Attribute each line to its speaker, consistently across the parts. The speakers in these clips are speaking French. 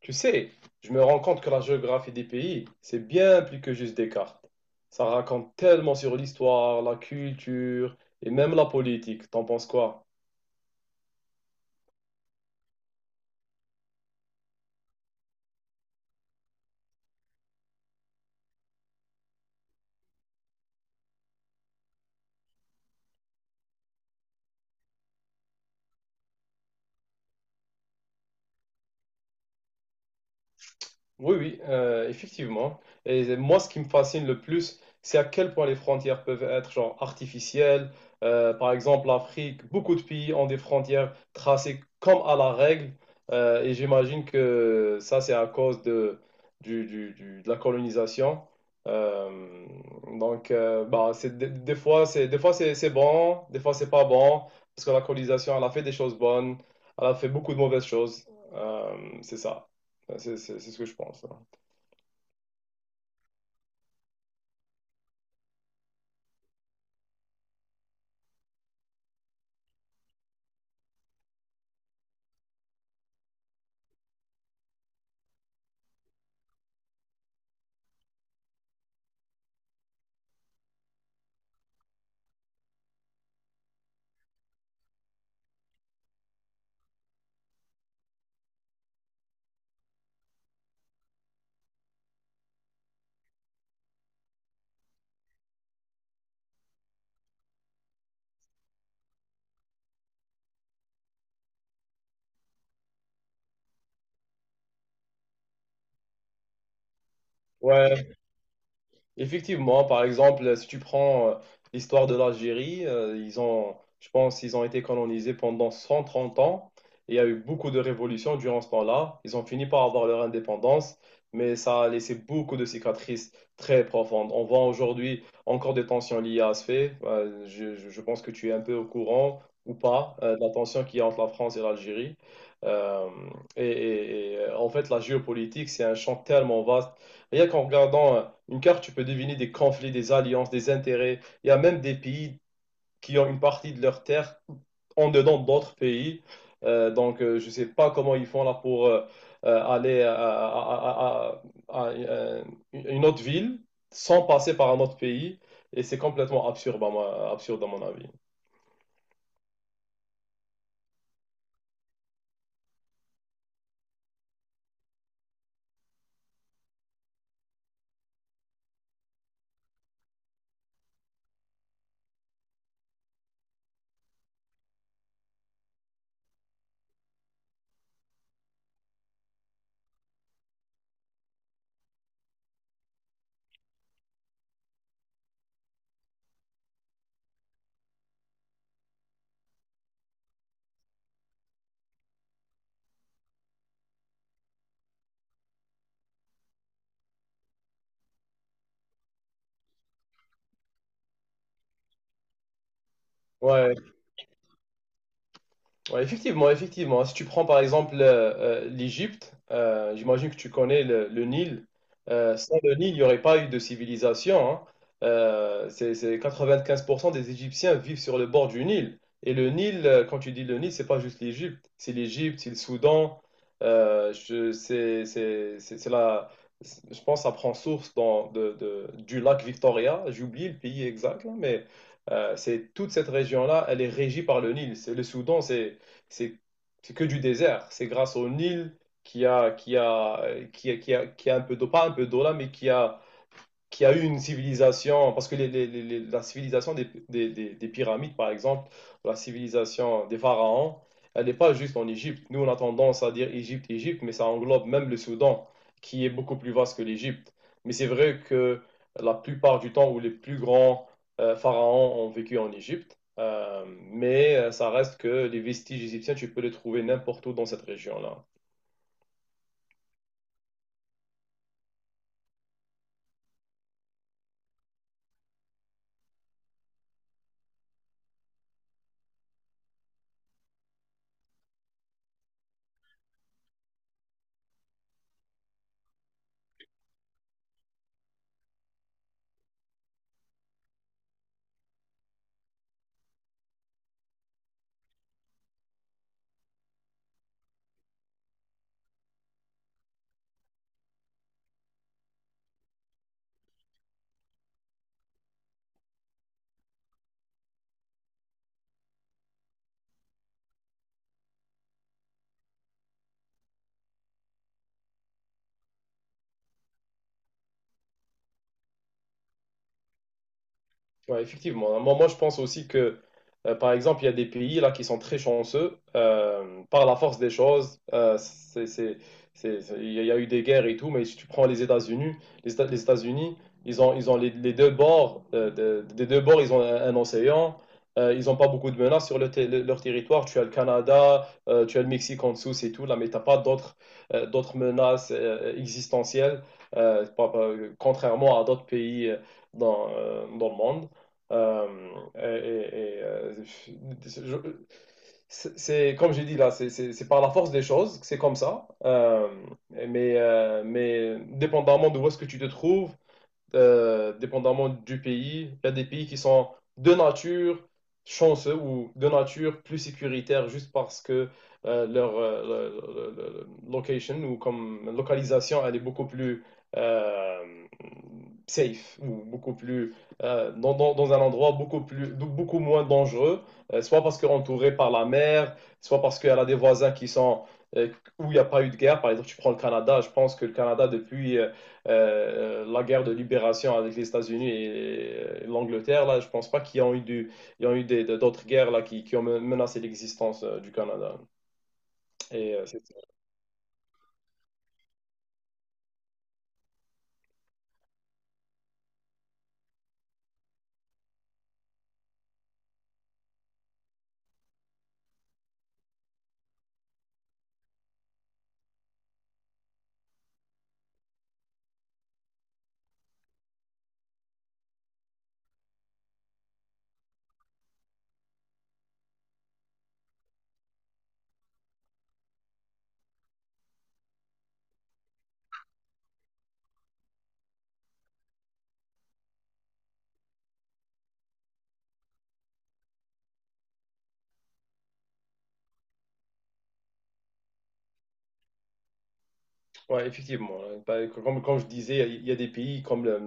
Speaker 1: Tu sais, je me rends compte que la géographie des pays, c'est bien plus que juste des cartes. Ça raconte tellement sur l'histoire, la culture et même la politique. T'en penses quoi? Oui, oui, effectivement. Et moi, ce qui me fascine le plus, c'est à quel point les frontières peuvent être genre artificielles. Par exemple, l'Afrique, beaucoup de pays ont des frontières tracées comme à la règle. Et j'imagine que ça, c'est à cause de, du- de la colonisation. Euh, Bah, des fois, des fois c'est bon, des fois, c'est pas bon. Parce que la colonisation, elle a fait des choses bonnes, elle a fait beaucoup de mauvaises choses. Euh, c'est ça. C'est ce que je pense, hein. Ouais, effectivement, par exemple, si tu prends l'histoire de l'Algérie, je pense, ils ont été colonisés pendant 130 ans. Et il y a eu beaucoup de révolutions durant ce temps-là. Ils ont fini par avoir leur indépendance, mais ça a laissé beaucoup de cicatrices très profondes. On voit aujourd'hui encore des tensions liées à ce fait. Je pense que tu es un peu au courant ou pas de la tension qu'il y a entre la France et l'Algérie. Euh, En fait, la géopolitique, c'est un champ tellement vaste. Rien qu'en regardant une carte, tu peux deviner des conflits, des alliances, des intérêts. Il y a même des pays qui ont une partie de leurs terres en dedans d'autres pays. Je ne sais pas comment ils font là pour aller à une autre ville sans passer par un autre pays. Et c'est complètement absurde à mon avis. Ouais, ouais, effectivement, effectivement. Si tu prends par exemple l'Égypte, j'imagine que tu connais le Nil. Sans le Nil, il n'y aurait pas eu de civilisation, hein. C'est 95% des Égyptiens vivent sur le bord du Nil. Et le Nil, quand tu dis le Nil, c'est pas juste l'Égypte. C'est l'Égypte, c'est le Soudan. Je, c'est la, Je pense que ça prend source du lac Victoria. J'ai oublié le pays exact, là, mais c'est toute cette région-là, elle est régie par le Nil. C'est le Soudan, c'est c'est que du désert. C'est grâce au Nil qui a, qui a, qui a un peu d'eau, pas un peu d'eau là, mais qui a eu une civilisation, parce que la civilisation des pyramides, par exemple, ou la civilisation des pharaons, elle n'est pas juste en Égypte. Nous, on a tendance à dire Égypte, Égypte, mais ça englobe même le Soudan, qui est beaucoup plus vaste que l'Égypte. Mais c'est vrai que la plupart du temps où les plus grands pharaons ont vécu en Égypte, ça reste que les vestiges égyptiens, tu peux les trouver n'importe où dans cette région-là. Ouais, effectivement. Moi, je pense aussi que, par exemple, il y a des pays là qui sont très chanceux par la force des choses. Il y a eu des guerres et tout, mais si tu prends les États-Unis, les États-Unis, ils ont les deux bords, des deux bords, ils ont un océan. Ils n'ont pas beaucoup de menaces sur leur territoire. Tu as le Canada, tu as le Mexique en dessous, c'est tout. Là, mais t'as pas d'autres d'autres menaces existentielles, contrairement à d'autres pays dans le monde. Euh, et, et, je- c'est comme j'ai dit là, c'est par la force des choses, c'est comme ça. Mais dépendamment de où est-ce que tu te trouves, dépendamment du pays. Il y a des pays qui sont de nature chanceux ou de nature plus sécuritaire juste parce que leur le- location ou comme localisation, elle est beaucoup plus euh, safe ou beaucoup plus dans un endroit beaucoup plus beaucoup moins dangereux, soit parce qu'elle est entourée par la mer, soit parce qu'elle a des voisins qui sont euh, où il n'y a pas eu de guerre. Par exemple, tu prends le Canada, je pense que le Canada depuis la guerre de libération avec les États-Unis et l'Angleterre, là, je pense pas qu'il y a il y a eu d'autres guerres là, qui ont menacé l'existence du Canada. Et c'est… Ouais, effectivement. Comme je disais, il y a des pays comme le-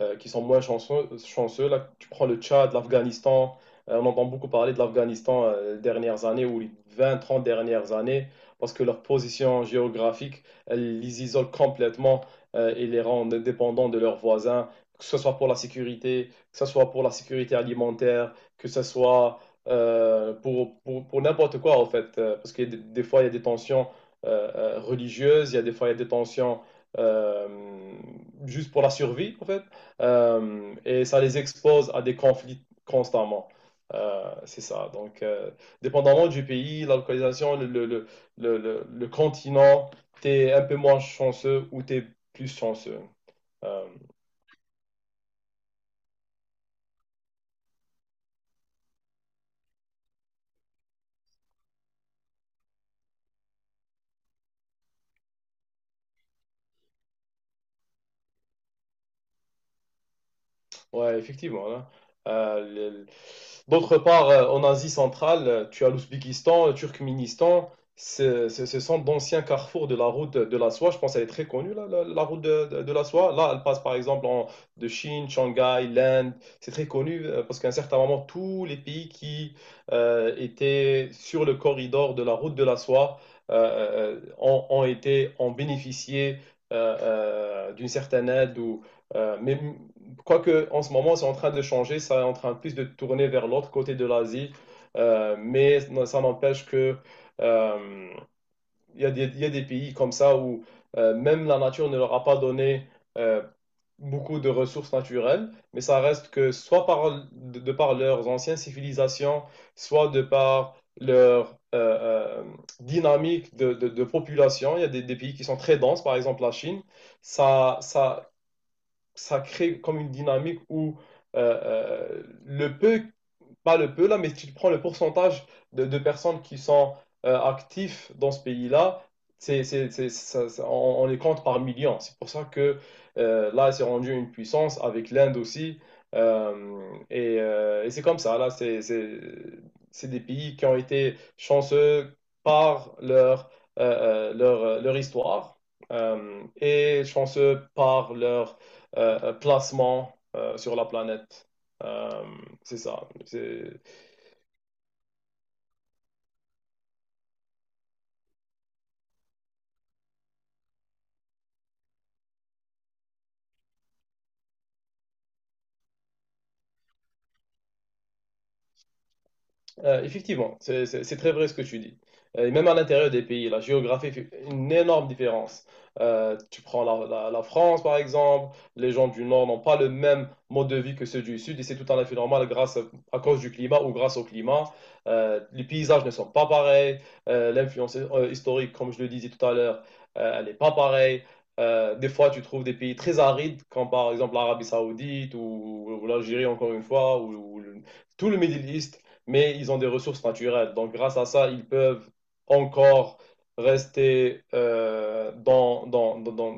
Speaker 1: euh, qui sont moins chanceux, chanceux. Là, tu prends le Tchad, l'Afghanistan. On entend beaucoup parler de l'Afghanistan les dernières années ou les 20, 30 dernières années parce que leur position géographique, elle les isole complètement et les rend dépendants de leurs voisins, que ce soit pour la sécurité, que ce soit pour la sécurité alimentaire, que ce soit pour n'importe quoi, en fait. Parce que des fois, il y a des tensions religieuses, il y a des fois il y a des tensions euh, juste pour la survie en fait. Et ça les expose à des conflits constamment. C'est ça. Dépendamment du pays, la localisation, le continent, t'es un peu moins chanceux ou t'es plus chanceux. Euh, Ouais, effectivement, hein. Euh, le- le- D'autre part, en Asie centrale, tu as l'Ouzbékistan, le Turkménistan. Ce sont d'anciens carrefours de la route de la soie. Je pense qu'elle est très connue, la route de la soie. Là, elle passe par exemple de Chine, Shanghai, l'Inde. C'est très connu parce qu'à un certain moment, tous les pays qui étaient sur le corridor de la route de la soie euh, ont bénéficié d'une certaine aide ou, mais je crois qu'en ce moment, c'est en train de changer, ça est en train plus de tourner vers l'autre côté de l'Asie, mais ça n'empêche que euh, il y a des pays comme ça où même la nature ne leur a pas donné euh, beaucoup de ressources naturelles, mais ça reste que soit par, de par leurs anciennes civilisations, soit de par leur euh, dynamique de population. Il y a des pays qui sont très denses, par exemple la Chine. Ça, ça, Ça crée comme une dynamique où le peu pas le peu là, mais si tu prends le pourcentage de personnes qui sont actifs dans ce pays-là, on les compte par millions. C'est pour ça que là, c'est rendu une puissance avec l'Inde aussi. Euh, et c'est comme ça, c'est des pays qui ont été chanceux par leur, leur histoire et chanceux par leur placement sur la planète. Euh, c'est ça. C'est… effectivement, c'est très vrai ce que tu dis. Et même à l'intérieur des pays, la géographie fait une énorme différence. Tu prends la France, par exemple, les gens du Nord n'ont pas le même mode de vie que ceux du Sud, et c'est tout à fait normal grâce à cause du climat ou grâce au climat. Les paysages ne sont pas pareils. L'influence historique, comme je le disais tout à l'heure, elle n'est pas pareille. Des fois, tu trouves des pays très arides, comme par exemple l'Arabie Saoudite ou l'Algérie, encore une fois, tout le Middle East, mais ils ont des ressources naturelles. Donc, grâce à ça, ils peuvent encore rester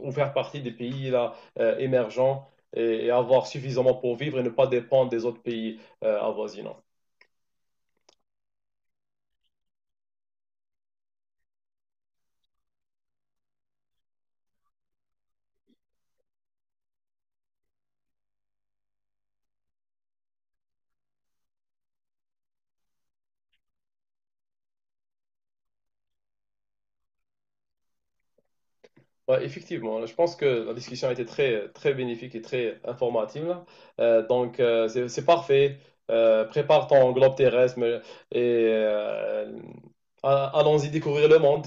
Speaker 1: ou faire partie des pays là, émergents et avoir suffisamment pour vivre et ne pas dépendre des autres pays avoisinants. Ouais, effectivement, je pense que la discussion a été très, très bénéfique et très informative là. C'est parfait. Prépare ton globe et allons-y découvrir le monde.